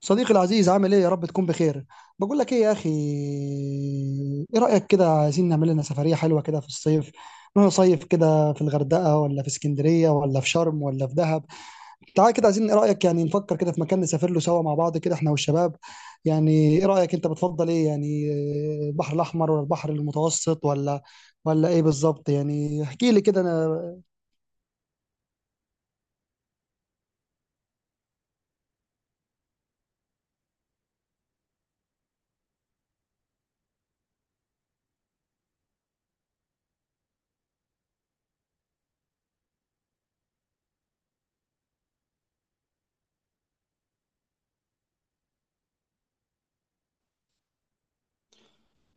صديقي العزيز، عامل ايه؟ يا رب تكون بخير. بقول لك ايه يا اخي، ايه رأيك؟ كده عايزين نعمل لنا سفرية حلوة كده في الصيف. نروح نصيف كده في الغردقة، ولا في اسكندرية، ولا في شرم، ولا في دهب؟ تعال كده، عايزين ايه رأيك، نفكر كده في مكان نسافر له سوا مع بعض، كده احنا والشباب. يعني ايه رأيك انت؟ بتفضل ايه يعني؟ البحر الاحمر ولا البحر المتوسط، ولا ايه بالظبط؟ يعني احكي لي كده. انا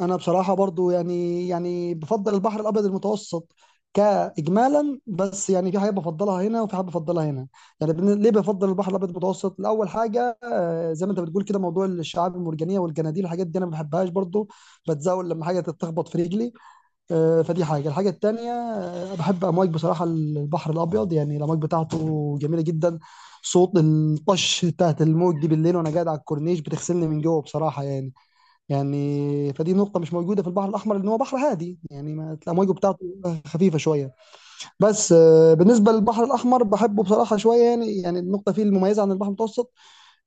انا بصراحه برضو يعني بفضل البحر الابيض المتوسط كاجمالا، بس يعني في حاجه بفضلها هنا، وفي حاجه بفضلها هنا. يعني ليه بفضل البحر الابيض المتوسط؟ لاول حاجه، زي ما انت بتقول كده، موضوع الشعاب المرجانيه والجناديل، الحاجات دي انا ما بحبهاش برضو. بتزاول لما حاجه تتخبط في رجلي. فدي حاجه. الحاجه التانيه، بحب امواج بصراحه البحر الابيض. يعني الامواج بتاعته جميله جدا. صوت الطش بتاعت الموج دي بالليل وانا قاعد على الكورنيش بتغسلني من جوه بصراحه يعني. يعني فدي نقطة مش موجودة في البحر الأحمر، لأن هو بحر هادي يعني، ما الأمواج بتاعته خفيفة شوية. بس بالنسبة للبحر الأحمر بحبه بصراحة شوية. يعني النقطة فيه المميزة عن البحر المتوسط،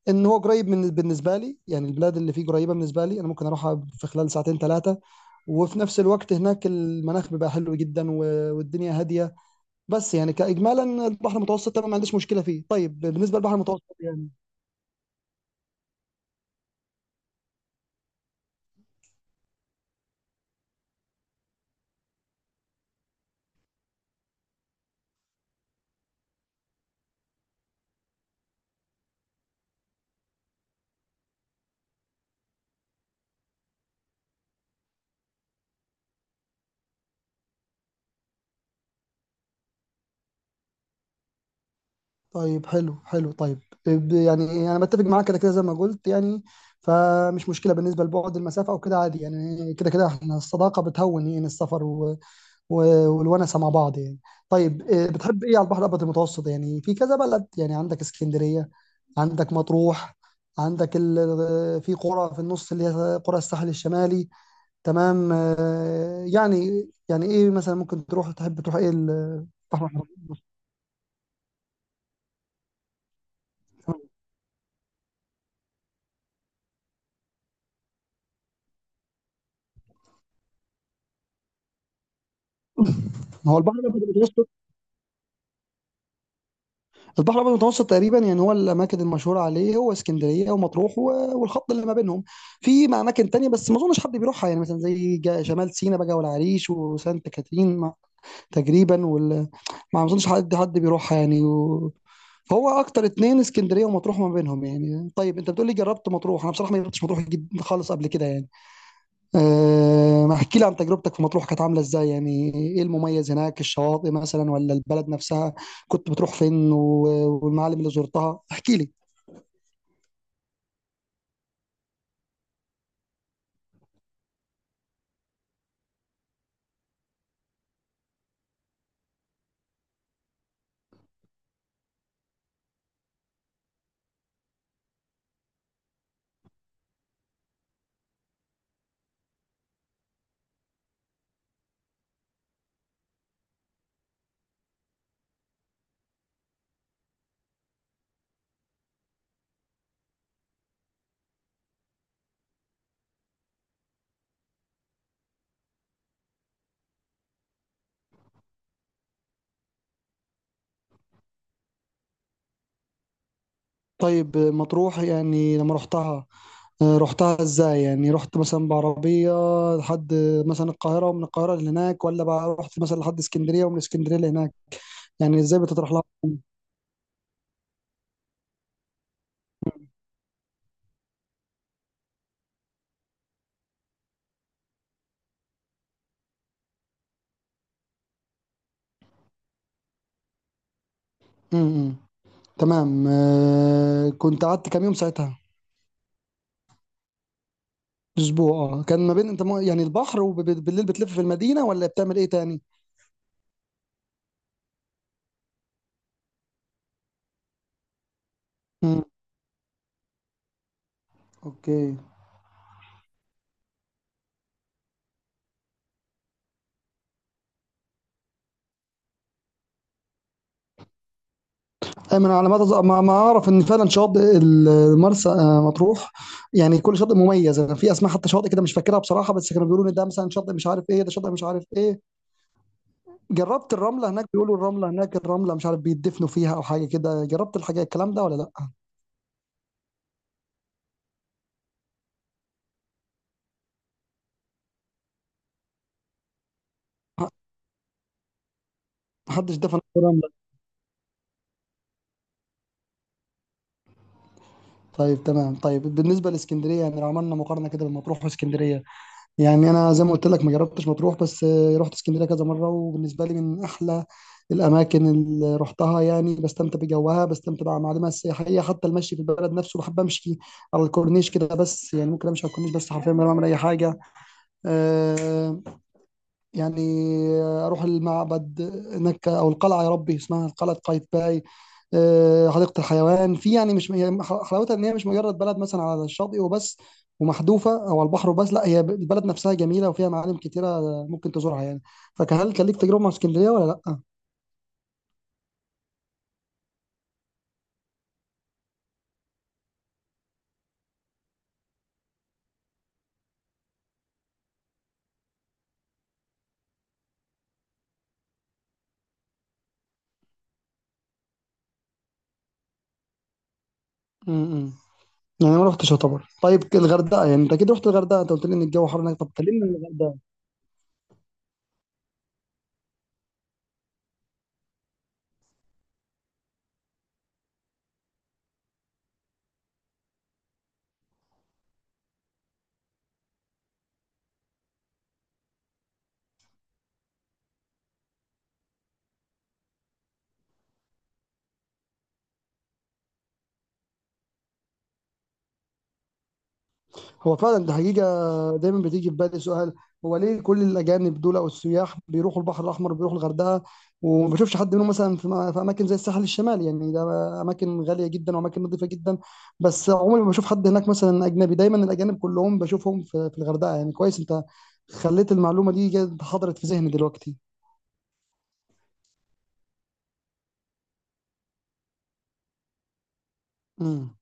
إن هو قريب من، بالنسبة لي يعني البلاد اللي فيه قريبة بالنسبة لي، أنا ممكن أروحها في خلال ساعتين ثلاثة. وفي نفس الوقت هناك المناخ بيبقى حلو جدا، والدنيا هادية. بس يعني كإجمالا البحر المتوسط أنا ما عنديش مشكلة فيه. طيب بالنسبة للبحر المتوسط يعني، طيب حلو حلو طيب، يعني انا بتفق معاك، كده كده زي ما قلت يعني، فمش مشكله بالنسبه لبعد المسافه او كده، عادي يعني. كده كده احنا الصداقه بتهون، يعني السفر و... والونسه مع بعض يعني. طيب إيه، بتحب ايه على البحر الابيض المتوسط؟ يعني في كذا بلد، يعني عندك اسكندريه، عندك مطروح، في قرى، في النص اللي هي قرى الساحل الشمالي. تمام، يعني ايه مثلا ممكن تروح؟ تحب تروح ايه البحر الأبيض؟ هو البحر الابيض المتوسط، في البحر الابيض المتوسط تقريبا، يعني هو الاماكن المشهوره عليه هو اسكندريه ومطروح والخط اللي ما بينهم. اماكن تانية، بس ما اظنش حد بيروحها يعني، مثلا زي شمال سيناء بقى والعريش وسانت كاترين، تقريبا ما اظنش حد بيروحها يعني. فهو اكتر اتنين اسكندريه ومطروح، ما بينهم يعني. طيب انت بتقول لي جربت مطروح، انا بصراحه ما جربتش مطروح جد خالص قبل كده يعني. ما احكي لي عن تجربتك في مطروح، كانت عامله ازاي؟ يعني ايه المميز هناك؟ الشواطئ مثلا ولا البلد نفسها؟ كنت بتروح فين والمعالم اللي زرتها، احكي لي. طيب مطروح، يعني لما رحتها، رحتها ازاي؟ يعني رحت مثلا بعربيه لحد مثلا القاهره، ومن القاهره لهناك، ولا بقى رحت مثلا لحد اسكندريه ومن اسكندريه لهناك؟ يعني ازاي بتطرح لها؟ امم. تمام، كنت قعدت كام يوم ساعتها؟ اسبوع. اه كان ما بين انت يعني البحر، وبالليل بتلف في المدينه، ولا بتعمل ايه تاني؟ مم. اوكي. ايمن، على ما ما اعرف ان فعلا شاطئ المرسى مطروح، يعني كل شاطئ مميز. انا في اسماء حتى شاطئ كده مش فاكرها بصراحه، بس كانوا بيقولوا ان ده مثلا شاطئ مش عارف ايه، ده شاطئ مش عارف ايه. جربت الرمله هناك؟ بيقولوا الرمله هناك، الرمله مش عارف بيدفنوا فيها او حاجه كده، جربت الحاجه الكلام ده ولا لا؟ محدش دفن في الرمله؟ طيب تمام. طيب بالنسبه لاسكندريه، يعني لو عملنا مقارنه كده بين مطروح واسكندريه، يعني انا زي ما قلت لك ما جربتش مطروح، بس رحت اسكندريه كذا مره، وبالنسبه لي من احلى الاماكن اللي رحتها. يعني بستمتع بجوها، بستمتع بمعالمها السياحيه، حتى المشي في البلد نفسه بحب امشي على الكورنيش كده. بس يعني ممكن امشي على الكورنيش بس حرفيا من غير ما اعمل اي حاجه. آه، يعني، اروح المعبد هناك او القلعه، يا ربي اسمها قلعه قايتباي، حديقه الحيوان. في يعني مش هي حلاوتها ان هي مش مجرد بلد مثلا على الشاطئ وبس ومحذوفه، او على البحر وبس، لا هي البلد نفسها جميله وفيها معالم كتيره ممكن تزورها يعني. فهل كان ليك تجربه مع اسكندريه ولا لا؟ م- م. يعني ما رحتش يعتبر. طيب الغردقه، يعني انت اكيد رحت الغردقه، انت قلت لي ان الجو حر هناك، طب كلمني عن الغردقه. هو فعلا دي حقيقة، دايما بتيجي في بالي سؤال: هو ليه كل الأجانب دول أو السياح بيروحوا البحر الأحمر، بيروحوا الغردقة، وما بشوفش حد منهم مثلا في أماكن زي الساحل الشمالي؟ يعني ده أماكن غالية جدا وأماكن نظيفة جدا، بس عمري ما بشوف حد هناك مثلا أجنبي. دايما الأجانب كلهم بشوفهم في الغردقة. يعني كويس أنت خليت المعلومة دي حضرت في ذهني دلوقتي. مم.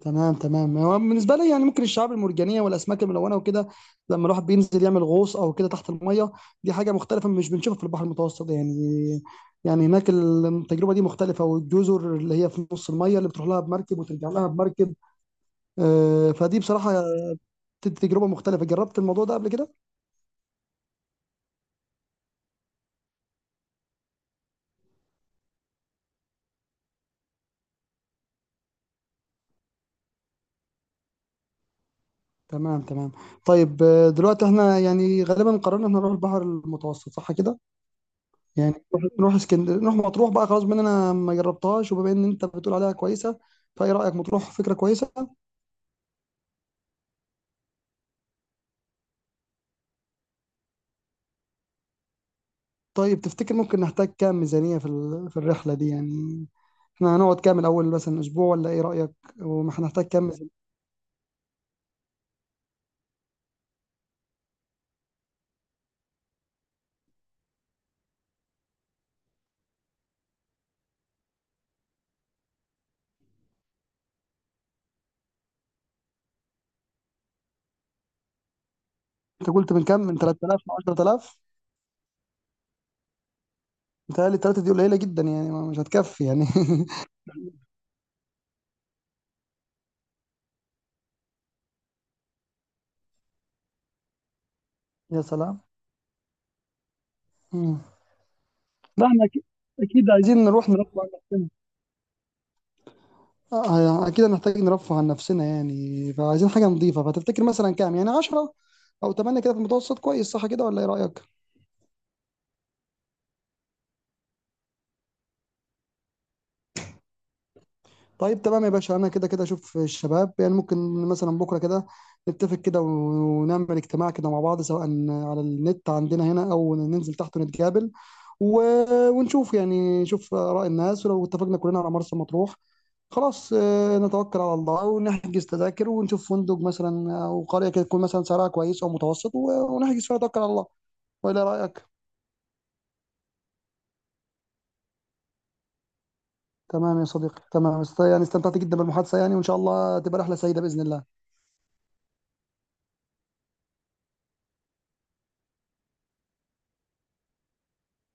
تمام تمام. هو بالنسبه لي يعني ممكن الشعاب المرجانيه والاسماك الملونه وكده، لما الواحد بينزل يعمل غوص او كده تحت الميه، دي حاجه مختلفه مش بنشوفها في البحر المتوسط يعني. يعني هناك التجربه دي مختلفه، والجزر اللي هي في نص الميه اللي بتروح لها بمركب وترجع لها بمركب، فدي بصراحه تجربه مختلفه. جربت الموضوع ده قبل كده؟ تمام تمام. طيب دلوقتي احنا يعني غالبا قررنا ان احنا نروح البحر المتوسط، صح كده؟ يعني نروح اسكندريه، نروح مطروح بقى، خلاص، بما ان انا ما جربتهاش وبما ان انت بتقول عليها كويسه، فايه رايك مطروح فكره كويسه؟ طيب تفتكر ممكن نحتاج كام ميزانيه في الرحله دي يعني؟ احنا هنقعد كام الاول؟ مثلا اسبوع، ولا ايه رايك؟ وما احنا هنحتاج كام ميزانيه؟ انت قلت من كام؟ من 3000 ل 10000. متهيألي التلاتة دي قليله جدا يعني، مش هتكفي يعني. يا سلام. مم. لا احنا اكيد اكيد عايزين نروح نروح. يعني اكيد هنحتاج نرفه عن نفسنا يعني، فعايزين حاجه نظيفه. فتفتكر مثلا كام؟ يعني 10 او 8 كده في المتوسط كويس صح كده ولا ايه رايك؟ طيب تمام يا باشا. انا كده كده اشوف الشباب يعني، ممكن مثلا بكره كده نتفق كده ونعمل اجتماع كده مع بعض، سواء على النت عندنا هنا او ننزل تحت ونتقابل و... ونشوف، يعني نشوف آراء الناس. ولو اتفقنا كلنا على مرسى مطروح، خلاص نتوكل على الله ونحجز تذاكر ونشوف فندق مثلا، او قريه كده تكون مثلا سعرها كويس او متوسط ونحجز فيها، نتوكل على الله. ولا رايك؟ تمام يا صديقي، تمام. يعني استمتعت جدا بالمحادثه يعني، وان شاء الله تبقى رحله سعيده باذن الله.